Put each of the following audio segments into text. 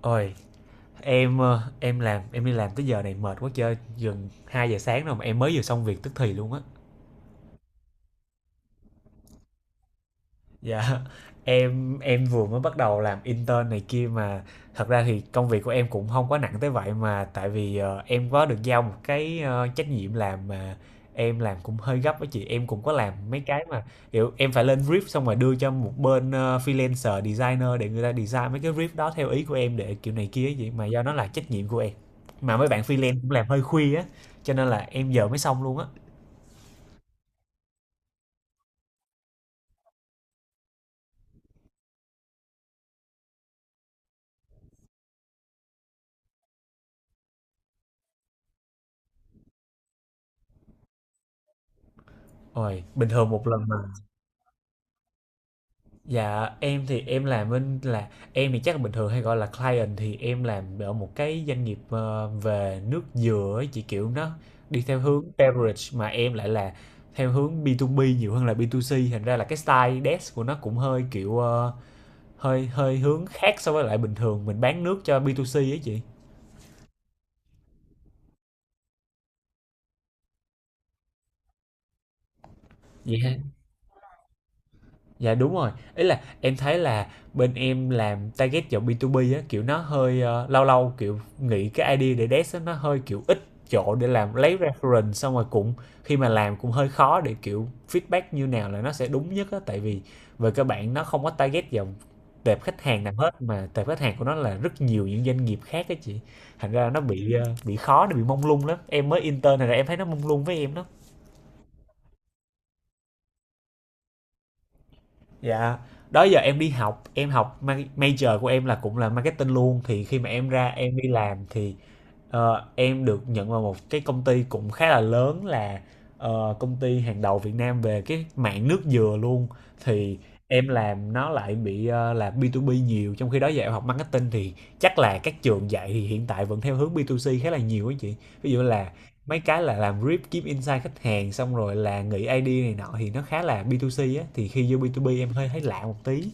Ôi, em làm em đi làm tới giờ này mệt quá chơi, gần 2 giờ sáng rồi mà em mới vừa xong việc tức thì luôn á. Dạ, em vừa mới bắt đầu làm intern này kia mà thật ra thì công việc của em cũng không quá nặng tới vậy mà tại vì em có được giao một cái trách nhiệm làm mà em làm cũng hơi gấp với chị, em cũng có làm mấy cái mà kiểu em phải lên brief xong rồi đưa cho một bên freelancer designer để người ta design mấy cái brief đó theo ý của em để kiểu này kia vậy mà, do nó là trách nhiệm của em mà mấy bạn freelance cũng làm hơi khuya á cho nên là em giờ mới xong luôn á. Ôi, bình thường một lần mà. Dạ, em thì em làm bên là em thì chắc là bình thường hay gọi là client, thì em làm ở một cái doanh nghiệp về nước dừa ấy chị, kiểu nó đi theo hướng beverage mà em lại là theo hướng B2B nhiều hơn là B2C, thành ra là cái style desk của nó cũng hơi kiểu hơi hơi hướng khác so với lại bình thường mình bán nước cho B2C ấy chị. Dạ đúng rồi, ý là em thấy là bên em làm target vào B2B á, kiểu nó hơi lâu lâu kiểu nghĩ cái idea để desk á, nó hơi kiểu ít chỗ để làm, lấy reference xong rồi cũng khi mà làm cũng hơi khó để kiểu feedback như nào là nó sẽ đúng nhất á, tại vì về cơ bản nó không có target vào tệp khách hàng nào hết mà tệp khách hàng của nó là rất nhiều những doanh nghiệp khác á chị, thành ra nó bị bị khó, nó bị mông lung lắm. Em mới intern này là em thấy nó mông lung với em đó. Dạ, đó giờ em đi học, em học major của em là cũng là marketing luôn, thì khi mà em ra em đi làm thì em được nhận vào một cái công ty cũng khá là lớn là công ty hàng đầu Việt Nam về cái mảng nước dừa luôn, thì em làm nó lại bị là B2B nhiều, trong khi đó giờ em học marketing thì chắc là các trường dạy thì hiện tại vẫn theo hướng B2C khá là nhiều á chị. Ví dụ là mấy cái là làm rip kiếm insight khách hàng xong rồi là nghĩ ID này nọ thì nó khá là B2C á, thì khi vô B2B em hơi thấy lạ một tí.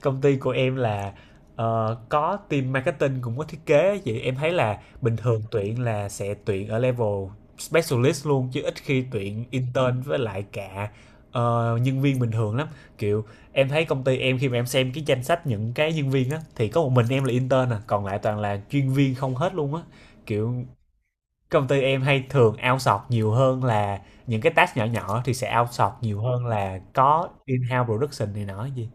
Công ty của em là có team marketing cũng có thiết kế, vậy em thấy là bình thường tuyển là sẽ tuyển ở level specialist luôn, chứ ít khi tuyển intern với lại cả nhân viên bình thường lắm. Kiểu em thấy công ty em khi mà em xem cái danh sách những cái nhân viên á thì có một mình em là intern à, còn lại toàn là chuyên viên không hết luôn á. Kiểu công ty em hay thường outsource nhiều hơn là những cái task nhỏ nhỏ thì sẽ outsource nhiều hơn là có in-house production này nọ gì.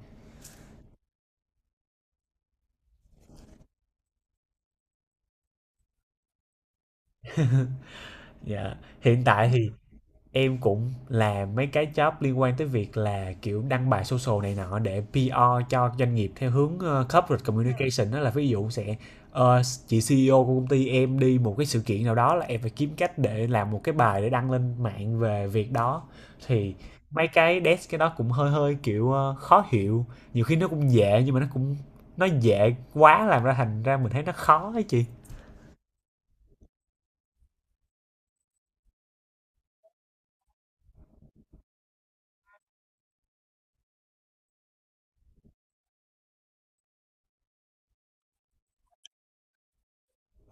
Dạ, hiện tại thì em cũng làm mấy cái job liên quan tới việc là kiểu đăng bài social này nọ để PR cho doanh nghiệp theo hướng corporate communication, đó là ví dụ sẽ chị CEO của công ty em đi một cái sự kiện nào đó là em phải kiếm cách để làm một cái bài để đăng lên mạng về việc đó, thì mấy cái desk cái đó cũng hơi hơi kiểu khó hiểu, nhiều khi nó cũng dễ nhưng mà nó cũng nó dễ quá làm ra thành ra mình thấy nó khó ấy chị.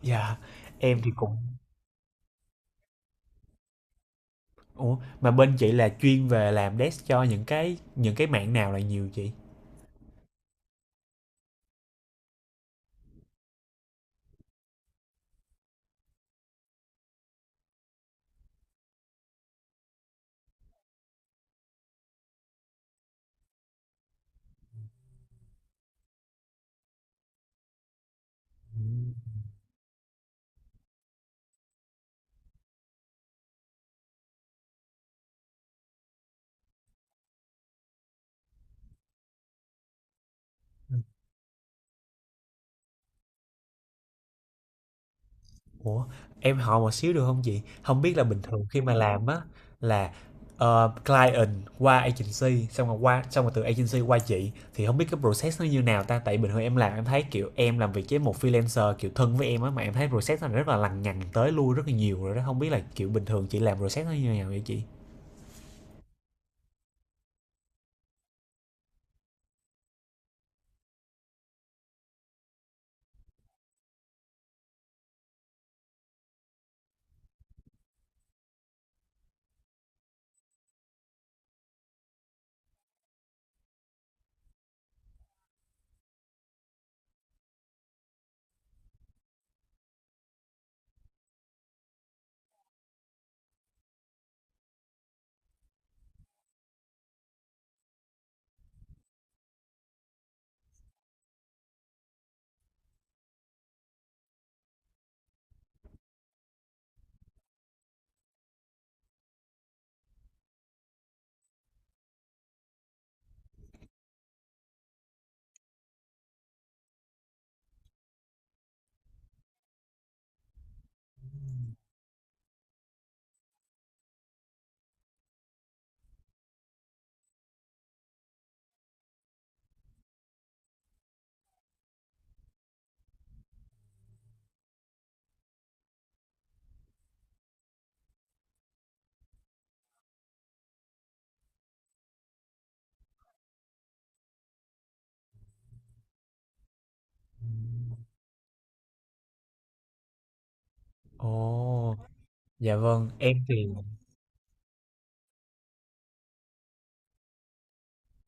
Dạ em thì cũng. Ủa, mà bên chị là chuyên về làm desk cho những cái mạng nào là nhiều chị? Ừm. Ủa, em hỏi một xíu được không chị? Không biết là bình thường khi mà làm á là client qua agency xong rồi qua xong rồi từ agency qua chị, thì không biết cái process nó như nào ta, tại bình thường em làm em thấy kiểu em làm việc với một freelancer kiểu thân với em á, mà em thấy process nó rất là lằng nhằng tới lui rất là nhiều rồi đó, không biết là kiểu bình thường chị làm process nó như nào vậy chị? Ồ, dạ vâng, em thì.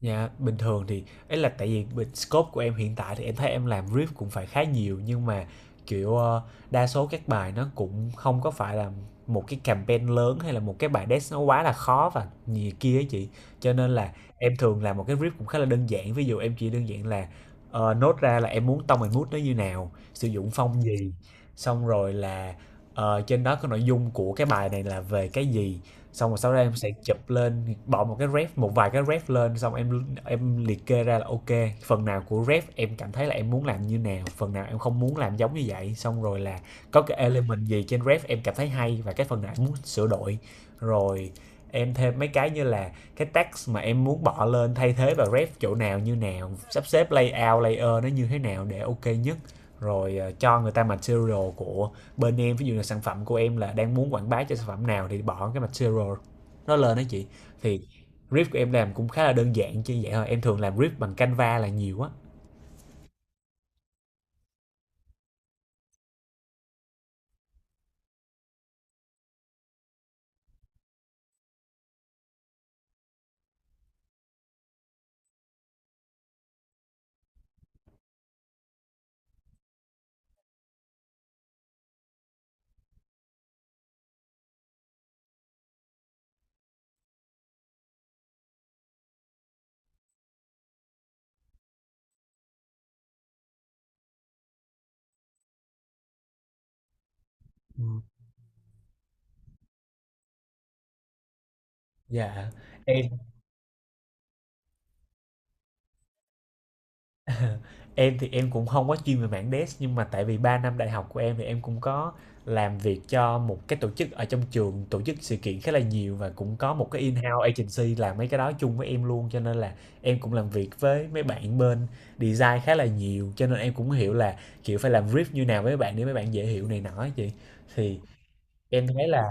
Dạ, bình thường thì ấy là tại vì bên scope của em hiện tại thì em thấy em làm riff cũng phải khá nhiều, nhưng mà kiểu đa số các bài nó cũng không có phải là một cái campaign lớn hay là một cái bài desk nó quá là khó và nhiều kia ấy chị. Cho nên là em thường làm một cái riff cũng khá là đơn giản. Ví dụ em chỉ đơn giản là nốt ra là em muốn tone and mood nó như nào, sử dụng phong gì, xong rồi là trên đó có nội dung của cái bài này là về cái gì, xong rồi sau đó em sẽ chụp lên bỏ một cái ref, một vài cái ref lên, xong em liệt kê ra là ok, phần nào của ref em cảm thấy là em muốn làm như nào, phần nào em không muốn làm giống như vậy, xong rồi là có cái element gì trên ref em cảm thấy hay và cái phần nào em muốn sửa đổi rồi em thêm mấy cái như là cái text mà em muốn bỏ lên thay thế vào ref chỗ nào như nào, sắp xếp layout layer nó như thế nào để ok nhất, rồi cho người ta material của bên em, ví dụ là sản phẩm của em là đang muốn quảng bá cho sản phẩm nào thì bỏ cái material nó lên đó chị. Thì riff của em làm cũng khá là đơn giản chứ vậy thôi, em thường làm riff bằng Canva là nhiều á. Ừ. Dạ em. Em thì em cũng không có chuyên về mảng dev, nhưng mà tại vì 3 năm đại học của em thì em cũng có làm việc cho một cái tổ chức ở trong trường tổ chức sự kiện khá là nhiều, và cũng có một cái in-house agency làm mấy cái đó chung với em luôn, cho nên là em cũng làm việc với mấy bạn bên design khá là nhiều, cho nên em cũng hiểu là kiểu phải làm brief như nào với mấy bạn để mấy bạn dễ hiểu này nọ á chị. Thì em thấy là.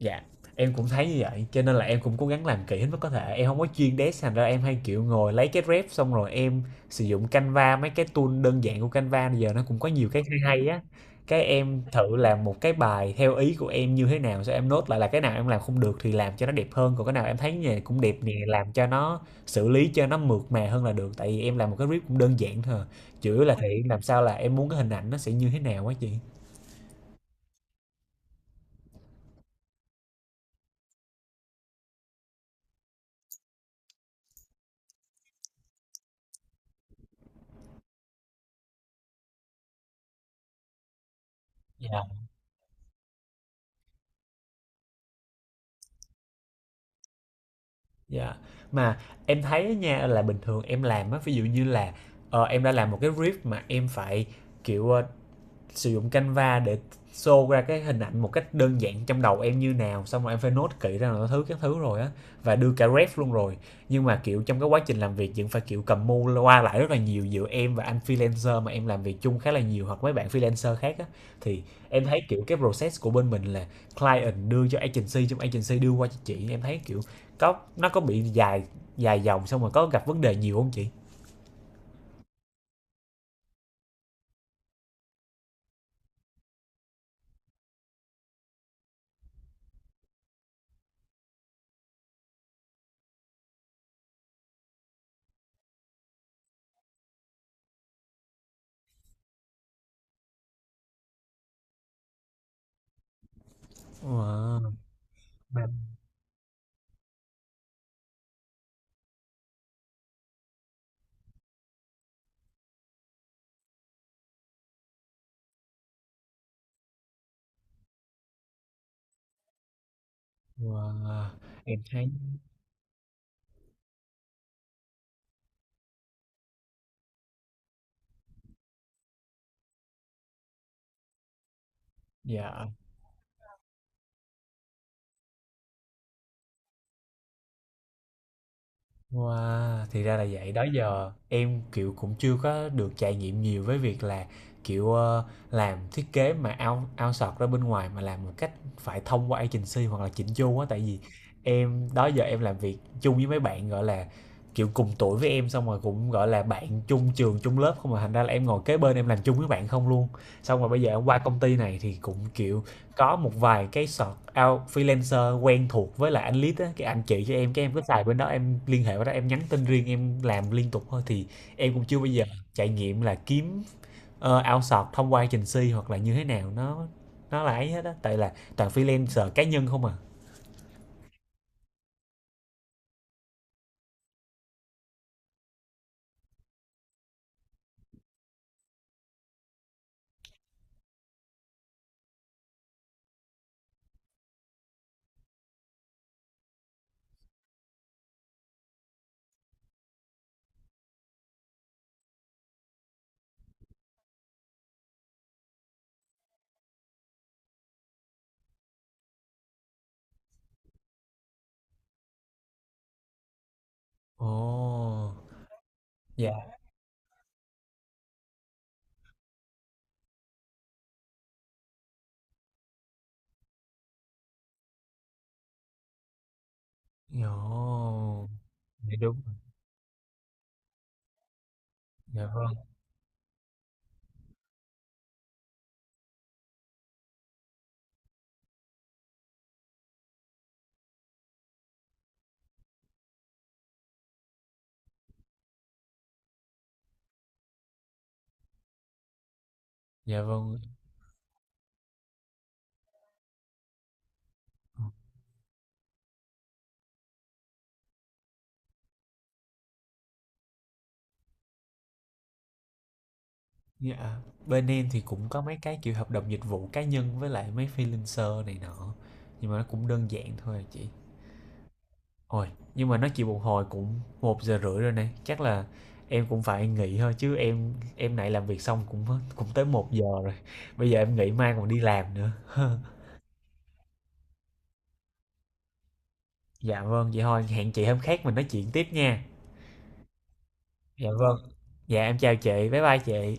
Dạ, em cũng thấy như vậy, cho nên là em cũng cố gắng làm kỹ hết mức có thể. Em không có chuyên desk thành ra em hay, kiểu, ngồi lấy cái ref xong rồi em sử dụng Canva, mấy cái tool đơn giản của Canva bây giờ nó cũng có nhiều cái hay hay á. Cái em thử làm một cái bài theo ý của em như thế nào, xong em nốt lại là cái nào em làm không được thì làm cho nó đẹp hơn, còn cái nào em thấy như này cũng đẹp nè, làm cho nó xử lý cho nó mượt mà hơn là được. Tại vì em làm một cái ref cũng đơn giản thôi à, chủ yếu là thể hiện làm sao là em muốn cái hình ảnh nó sẽ như thế nào á chị. Dạ. Dạ. Mà em thấy nha là bình thường em làm á, ví dụ như là, em đã làm một cái brief mà em phải, kiểu, sử dụng Canva để show ra cái hình ảnh một cách đơn giản trong đầu em như nào, xong rồi em phải nốt kỹ ra là thứ các thứ rồi á, và đưa cả ref luôn rồi, nhưng mà kiểu trong cái quá trình làm việc vẫn phải kiểu cầm mu qua lại rất là nhiều giữa em và anh freelancer mà em làm việc chung khá là nhiều hoặc mấy bạn freelancer khác á. Thì em thấy kiểu cái process của bên mình là client đưa cho agency, trong agency đưa qua cho chị, em thấy kiểu có nó có bị dài dài dòng xong rồi có gặp vấn đề nhiều không chị? Wow. Wow. Em thấy. Dạ. Wow, thì ra là vậy. Đó giờ em kiểu cũng chưa có được trải nghiệm nhiều với việc là kiểu làm thiết kế mà ao ao sọt ra bên ngoài mà làm một cách phải thông qua agency hoặc là chỉnh chu á, tại vì em đó giờ em làm việc chung với mấy bạn gọi là kiểu cùng tuổi với em, xong rồi cũng gọi là bạn chung trường chung lớp không, mà thành ra là em ngồi kế bên em làm chung với bạn không luôn. Xong rồi bây giờ em qua công ty này thì cũng kiểu có một vài cái search out freelancer quen thuộc với lại anh lead á, cái anh chị cho em cái em cứ xài bên đó, em liên hệ với đó, em nhắn tin riêng, em làm liên tục thôi, thì em cũng chưa bao giờ trải nghiệm là kiếm outsource thông qua agency hoặc là như thế nào, nó là ấy hết á, tại là toàn freelancer cá nhân không à. Ồ, dạ. Ồ, dạ đúng. Dạ vâng. Dạ vâng. Dạ, bên em thì cũng có mấy cái kiểu hợp đồng dịch vụ cá nhân với lại mấy freelancer này nọ. Nhưng mà nó cũng đơn giản thôi à chị. Ôi, nhưng mà nói chuyện một hồi cũng 1 giờ rưỡi rồi này, chắc là em cũng phải nghỉ thôi, chứ em này làm việc xong cũng cũng tới 1 giờ rồi. Bây giờ em nghỉ mai còn đi làm nữa. Dạ vâng, vậy thôi hẹn chị hôm khác mình nói chuyện tiếp nha. Dạ vâng. Dạ em chào chị, bye bye chị.